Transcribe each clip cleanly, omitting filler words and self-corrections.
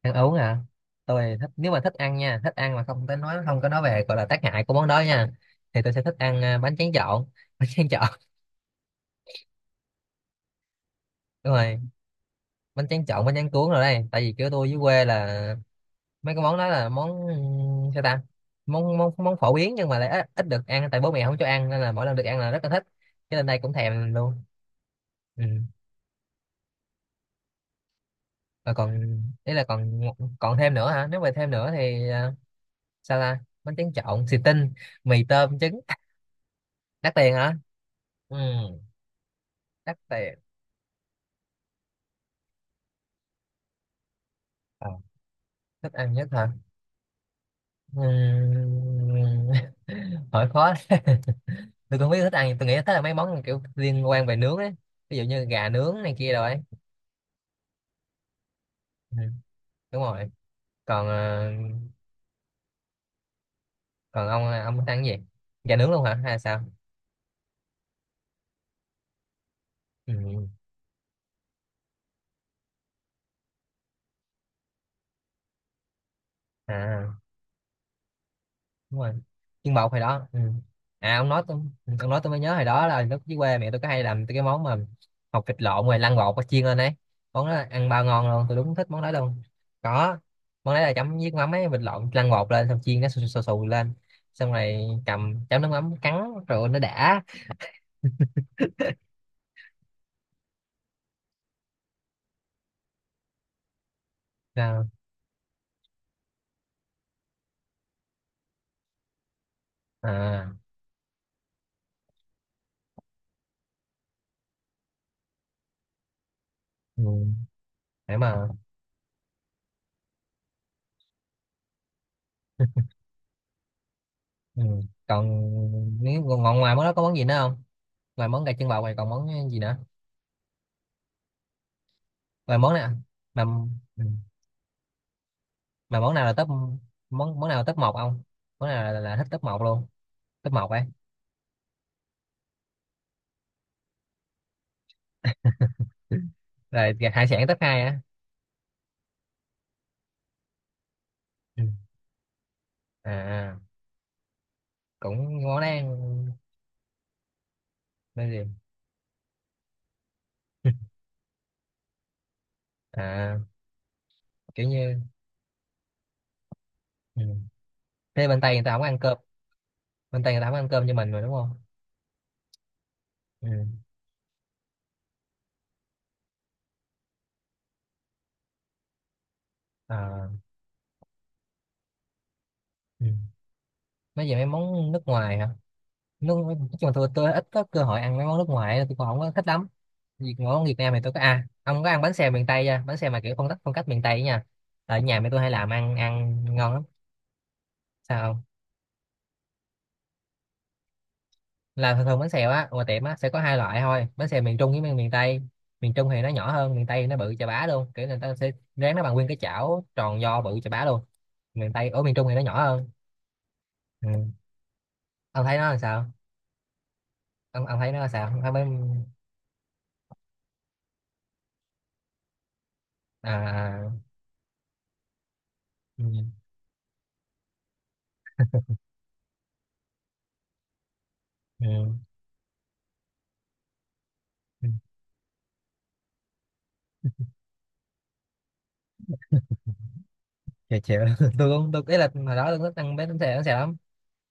Ăn uống à? Tôi thích, nếu mà thích ăn nha, thích ăn mà không tới nói, không có nói về gọi là tác hại của món đó nha, thì tôi sẽ thích ăn bánh tráng trộn. Bánh tráng trộn. Đúng rồi, bánh tráng trộn, bánh tráng cuốn rồi đây. Tại vì kiểu tôi dưới quê là mấy cái món đó là món sao ta, món món món phổ biến nhưng mà lại ít được ăn, tại bố mẹ không cho ăn nên là mỗi lần được ăn là rất là thích, cho nên đây cũng thèm luôn. Ừ. Và còn ý là còn, còn thêm nữa hả? Nếu mà thêm nữa thì sao ta, bánh tráng trộn xì tinh, mì tôm trứng. Đắt tiền hả? Ừ. Đắt tiền. Ờ, thích ăn nhất hả? Ừm, hỏi khó đấy. Tôi cũng không biết thích ăn, tôi nghĩ thích là mấy món kiểu liên quan về nướng ấy, ví dụ như gà nướng này kia rồi ấy. Ừ, đúng rồi. Còn còn ông thích ăn cái gì? Gà nướng luôn hả hay sao? Ừ. À, đúng rồi. Chiên bột hồi đó. Ừ. À ông nói tôi, ông nói tôi mới nhớ hồi đó là lúc dưới quê mẹ tôi có hay làm cái món mà hột vịt lộn rồi lăn bột có chiên lên ấy. Món đó ăn bao ngon luôn, tôi đúng thích món đó luôn. Có, món đấy là chấm với mắm ấy, vịt lộn lăn bột lên xong chiên, nó xù xù, xù lên, xong rồi cầm chấm nước mắm cắn, rồi nó đã. À, à, ừ. Để mà, ừ, còn nếu còn ngoài món đó có món gì nữa không? Ngoài món gà chân bò này còn món gì nữa? Ngoài món nè mà. Ừ. Mà món nào là top, món món nào là top một, ông? Món nào là thích top một luôn, top một ấy? Rồi hải sản top hai á? Ừ. À à, cũng món đấy ăn. Nên gì? À, kiểu như, ừ. Thế bên Tây người ta không ăn cơm, bên Tây người ta không ăn cơm như mình mà đúng không? Ừ. À. Ừ. Mấy về mấy món nước ngoài hả? Nước nói chung là tôi ít có cơ hội ăn mấy món nước ngoài, tôi còn không có thích lắm. Vì món Việt Nam thì tôi có, à ông có ăn bánh xèo miền Tây chưa, bánh xèo mà kiểu phong cách, phong cách miền Tây ấy nha? Ở nhà mẹ tôi hay làm, ăn ăn ngon lắm. Sao, là thường thường bánh xèo á, ngoài tiệm á sẽ có hai loại thôi, bánh xèo miền Trung với miền miền Tây. Miền Trung thì nó nhỏ hơn, miền Tây thì nó bự chà bá luôn, kiểu người ta sẽ rán nó bằng nguyên cái chảo tròn do bự chà bá luôn. Miền Tây, ở miền Trung thì nó nhỏ hơn. Ừ. Ông thấy nó là sao? Ông thấy nó là sao, ông thấy mấy? À à, ừ. Ừ. Ừ. Chịu chịu. Tôi cũng tôi ý là hồi đó tôi thích ăn bánh xèo, bánh xèo lắm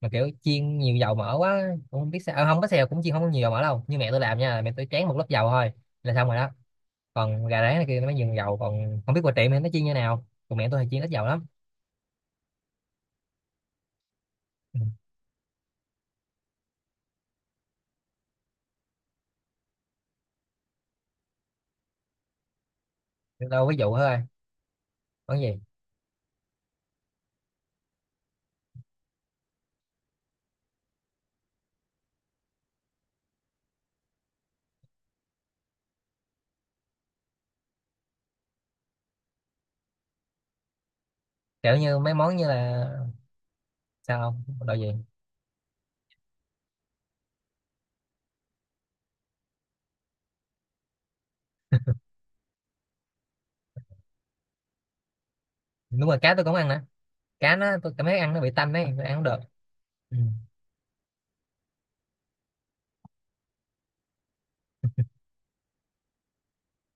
mà kiểu chiên nhiều dầu mỡ quá, cũng không biết sao, không bánh xèo cũng chiên không có nhiều dầu mỡ đâu, như mẹ tôi làm nha, mẹ tôi tráng một lớp dầu thôi là xong rồi đó. Còn gà rán này kia nó mới dùng dầu, còn không biết qua tiệm thì nó chiên như nào, còn mẹ tôi thì chiên ít dầu lắm. Ừ. Đâu, ví dụ thôi, món gì? Kiểu như mấy món như là. Sao không, đồ gì? Đúng rồi, cá tôi cũng ăn nè, cá nó tôi cảm thấy ăn nó bị tanh ấy, tôi ăn không được. Ừ.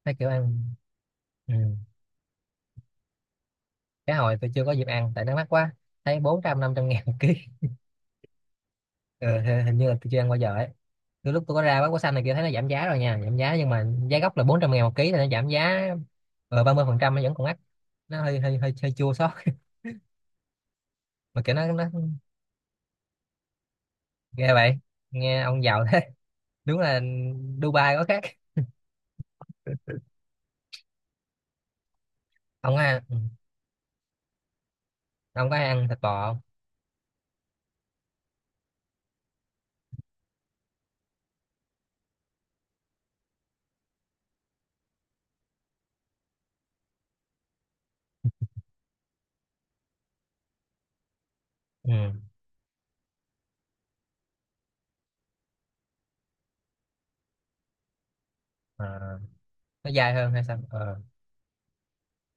Mấy kiểu ăn. Ừ. Cá hồi tôi chưa có dịp ăn tại nó mắc quá, thấy 400 500 ngàn một ký. Ừ, hình hình như là tôi chưa ăn bao giờ ấy. Từ lúc tôi có ra bán quả xanh này kia thấy nó giảm giá rồi nha, giảm giá nhưng mà giá gốc là 400 ngàn một ký, thì nó giảm giá 30%, nó vẫn còn mắc, nó hơi hơi hơi hơi chua xót. Mà kiểu nó ghê vậy, nghe ông giàu thế. Đúng là Dubai có khác. Ông à, ừ. Ông có hay ăn thịt bò không? Ừ. À, nó dai hơn hay sao? Ờ.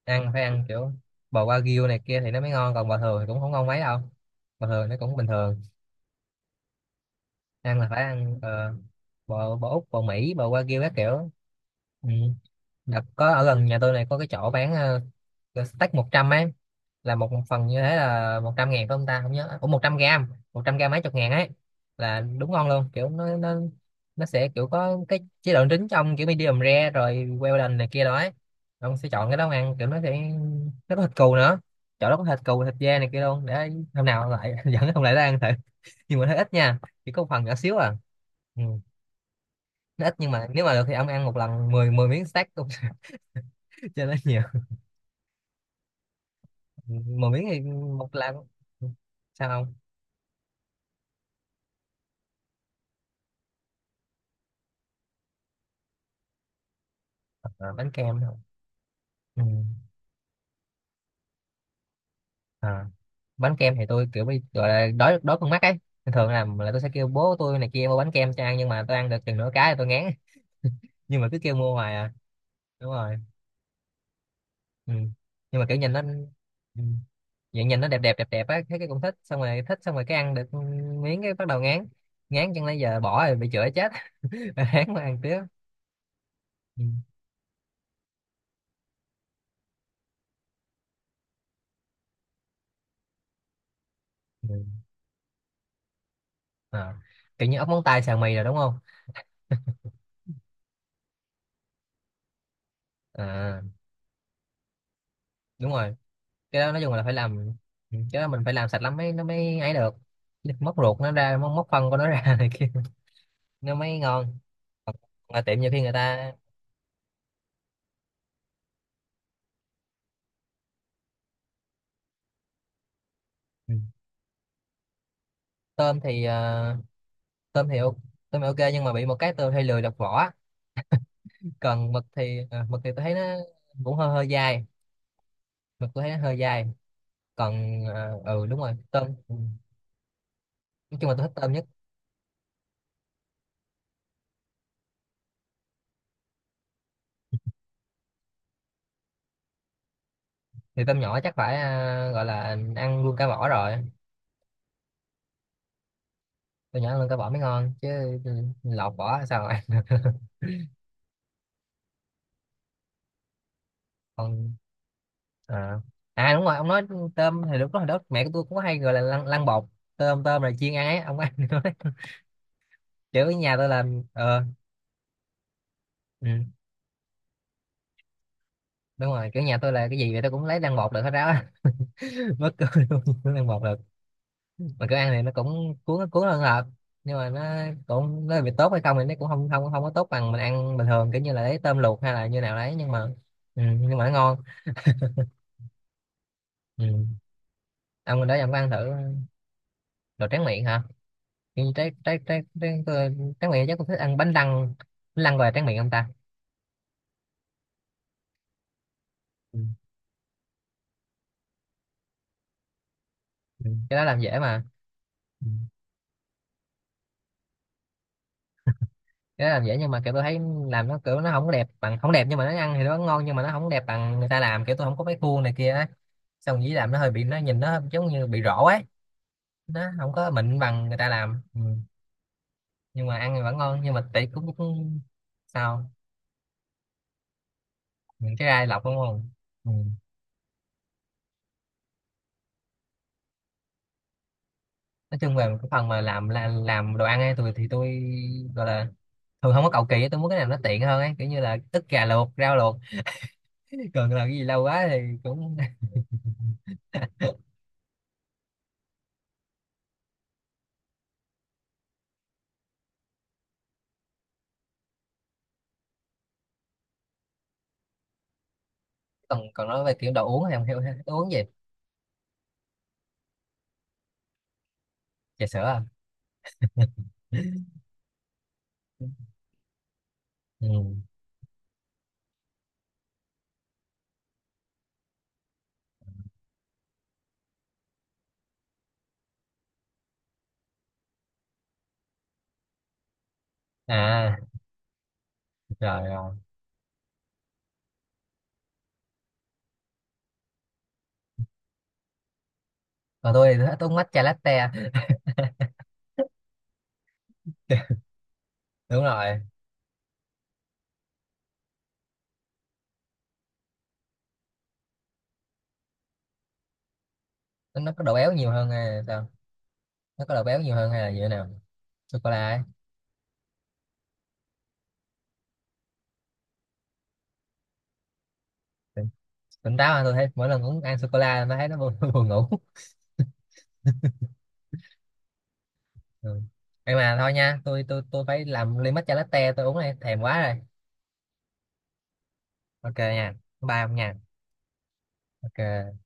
Ăn phải ăn kiểu bò wagyu này kia thì nó mới ngon, còn bò thường thì cũng không ngon mấy đâu, bò thường nó cũng bình thường. Ăn là phải ăn bò, bò Úc, bò Mỹ, bò wagyu các kiểu. Ừ. Đợt có ở gần nhà tôi này có cái chỗ bán, steak 100 ấy, là một phần như thế là 100 ngàn phải không ta, không nhớ, ủa 100 gram, 100 gram mấy chục ngàn ấy, là đúng ngon luôn, kiểu nó sẽ kiểu có cái chế độ trứng trong kiểu medium rare rồi Wellington này kia đó ấy. Ông sẽ chọn cái đó ăn kiểu nó sẽ, nó có thịt cừu nữa, chỗ đó có thịt cừu, thịt dê này kia luôn, để hôm nào lại dẫn ông lại đó ăn thử. Nhưng mà nó ít nha, chỉ có một phần nhỏ xíu à. Ừ. Nó ít nhưng mà nếu mà được thì ông ăn một lần mười mười miếng stack cũng cho nó nhiều. 10 miếng thì một lần, sao không. À, bánh kem hả? Ừ. À, bánh kem thì tôi kiểu bị gọi là đói đói con mắt ấy, nên thường làm là tôi sẽ kêu bố tôi này kia mua bánh kem cho ăn nhưng mà tôi ăn được chừng nửa cái thì tôi ngán. Nhưng mà cứ kêu mua hoài à. Đúng rồi. Ừ. Nhưng mà kiểu nhìn nó, ừ, vậy nhìn nó đẹp đẹp đẹp đẹp á, thấy cái cũng thích, xong rồi thích, xong rồi cái ăn được miếng cái bắt đầu ngán. Ngán chẳng lẽ giờ bỏ rồi bị chửi chết, ngán mà ăn tiếp. Ừ. Ừ. À. Kiểu như ốc móng tay xào mì rồi đúng không? À, đúng rồi. Cái đó nói chung là phải làm, ừ, cái đó mình phải làm sạch lắm mới nó mới ấy được, móc ruột nó ra, móc phân của nó ra này kia, nó mới ngon. Còn ngoài tiệm nhiều khi người ta. Ừ, tôm thì tôm thì ok- tôm thì ok nhưng mà bị một cái tôi hay lười lọc vỏ. Còn mực thì mực thì tôi thấy nó cũng hơi hơi dai, mực tôi thấy nó hơi dai. Còn ừ đúng rồi tôm, ừ, nói chung là tôi thích tôm nhất. Thì tôm nhỏ chắc phải gọi là ăn luôn cả vỏ rồi, tôm nhỏ ăn luôn cả vỏ mới ngon chứ. Ừ, lọc vỏ sao mà ăn. Còn à, à đúng rồi ông nói tôm thì đúng, hồi đó mẹ của tôi cũng có hay gọi là lăn bột tôm, tôm là chiên ăn ấy, ông có ăn được không? Kiểu nhà tôi là ờ, ừ, đúng rồi, kiểu nhà tôi là cái gì vậy tôi cũng lấy lăn bột được hết ráo á. mất cười luôn, cũng lăn bột được. Mà kiểu ăn thì nó cũng cuốn cuốn hơn hợp nhưng mà nó cũng, nó bị tốt hay không thì nó cũng không không không có tốt bằng mình ăn bình thường, kiểu như là lấy tôm luộc hay là như nào đấy nhưng mà ừ, nhưng mà nó ngon. Ừ. Ông đó ông có ăn thử, đồ tráng miệng hả? Thì trái miệng, chắc cũng thích ăn bánh lăng, bánh lăng gọi là miệng không ta? Ừ. Ừ, cái đó làm dễ mà. Ừ, cái đó làm dễ nhưng mà kiểu tôi thấy làm nó kiểu nó không có đẹp bằng, không đẹp nhưng mà nó ăn thì nó ngon, nhưng mà nó không đẹp bằng người ta làm, kiểu tôi không có cái khuôn này kia á, xong dĩ làm nó hơi bị nó nhìn nó giống như bị rỗ ấy, nó không có mịn bằng người ta làm. Ừ. Nhưng mà ăn thì vẫn ngon, nhưng mà tỷ cũng, cũng. Sao, những cái gai lọc đúng không? Ừ. Nói chung về cái phần mà làm là làm đồ ăn ấy, tôi thì tôi gọi là thường không có cầu kỳ á, tôi muốn cái nào nó tiện hơn ấy, kiểu như là ức gà luộc, rau luộc, còn là cái gì lâu quá thì cũng. Còn còn nói về kiểu đồ uống thì không hiểu ha, tôi uống gì. Trà sữa à? Ừ. À, rồi rồi. Còn tôi thì tôi uống matcha latte à. Đúng rồi, nó có độ béo nhiều hơn hay là sao, nó có độ béo nhiều hơn hay là như thế nào, sô cô la ấy? Tỉnh, tỉnh táo mà tôi thấy mỗi lần uống ăn sô cô la nó thấy nó buồn, buồn ngủ. Ừ. Ê mà thôi nha, tôi phải làm ly matcha latte tôi uống đây, thèm quá rồi. Ok nha. Bye ông nha. Ok.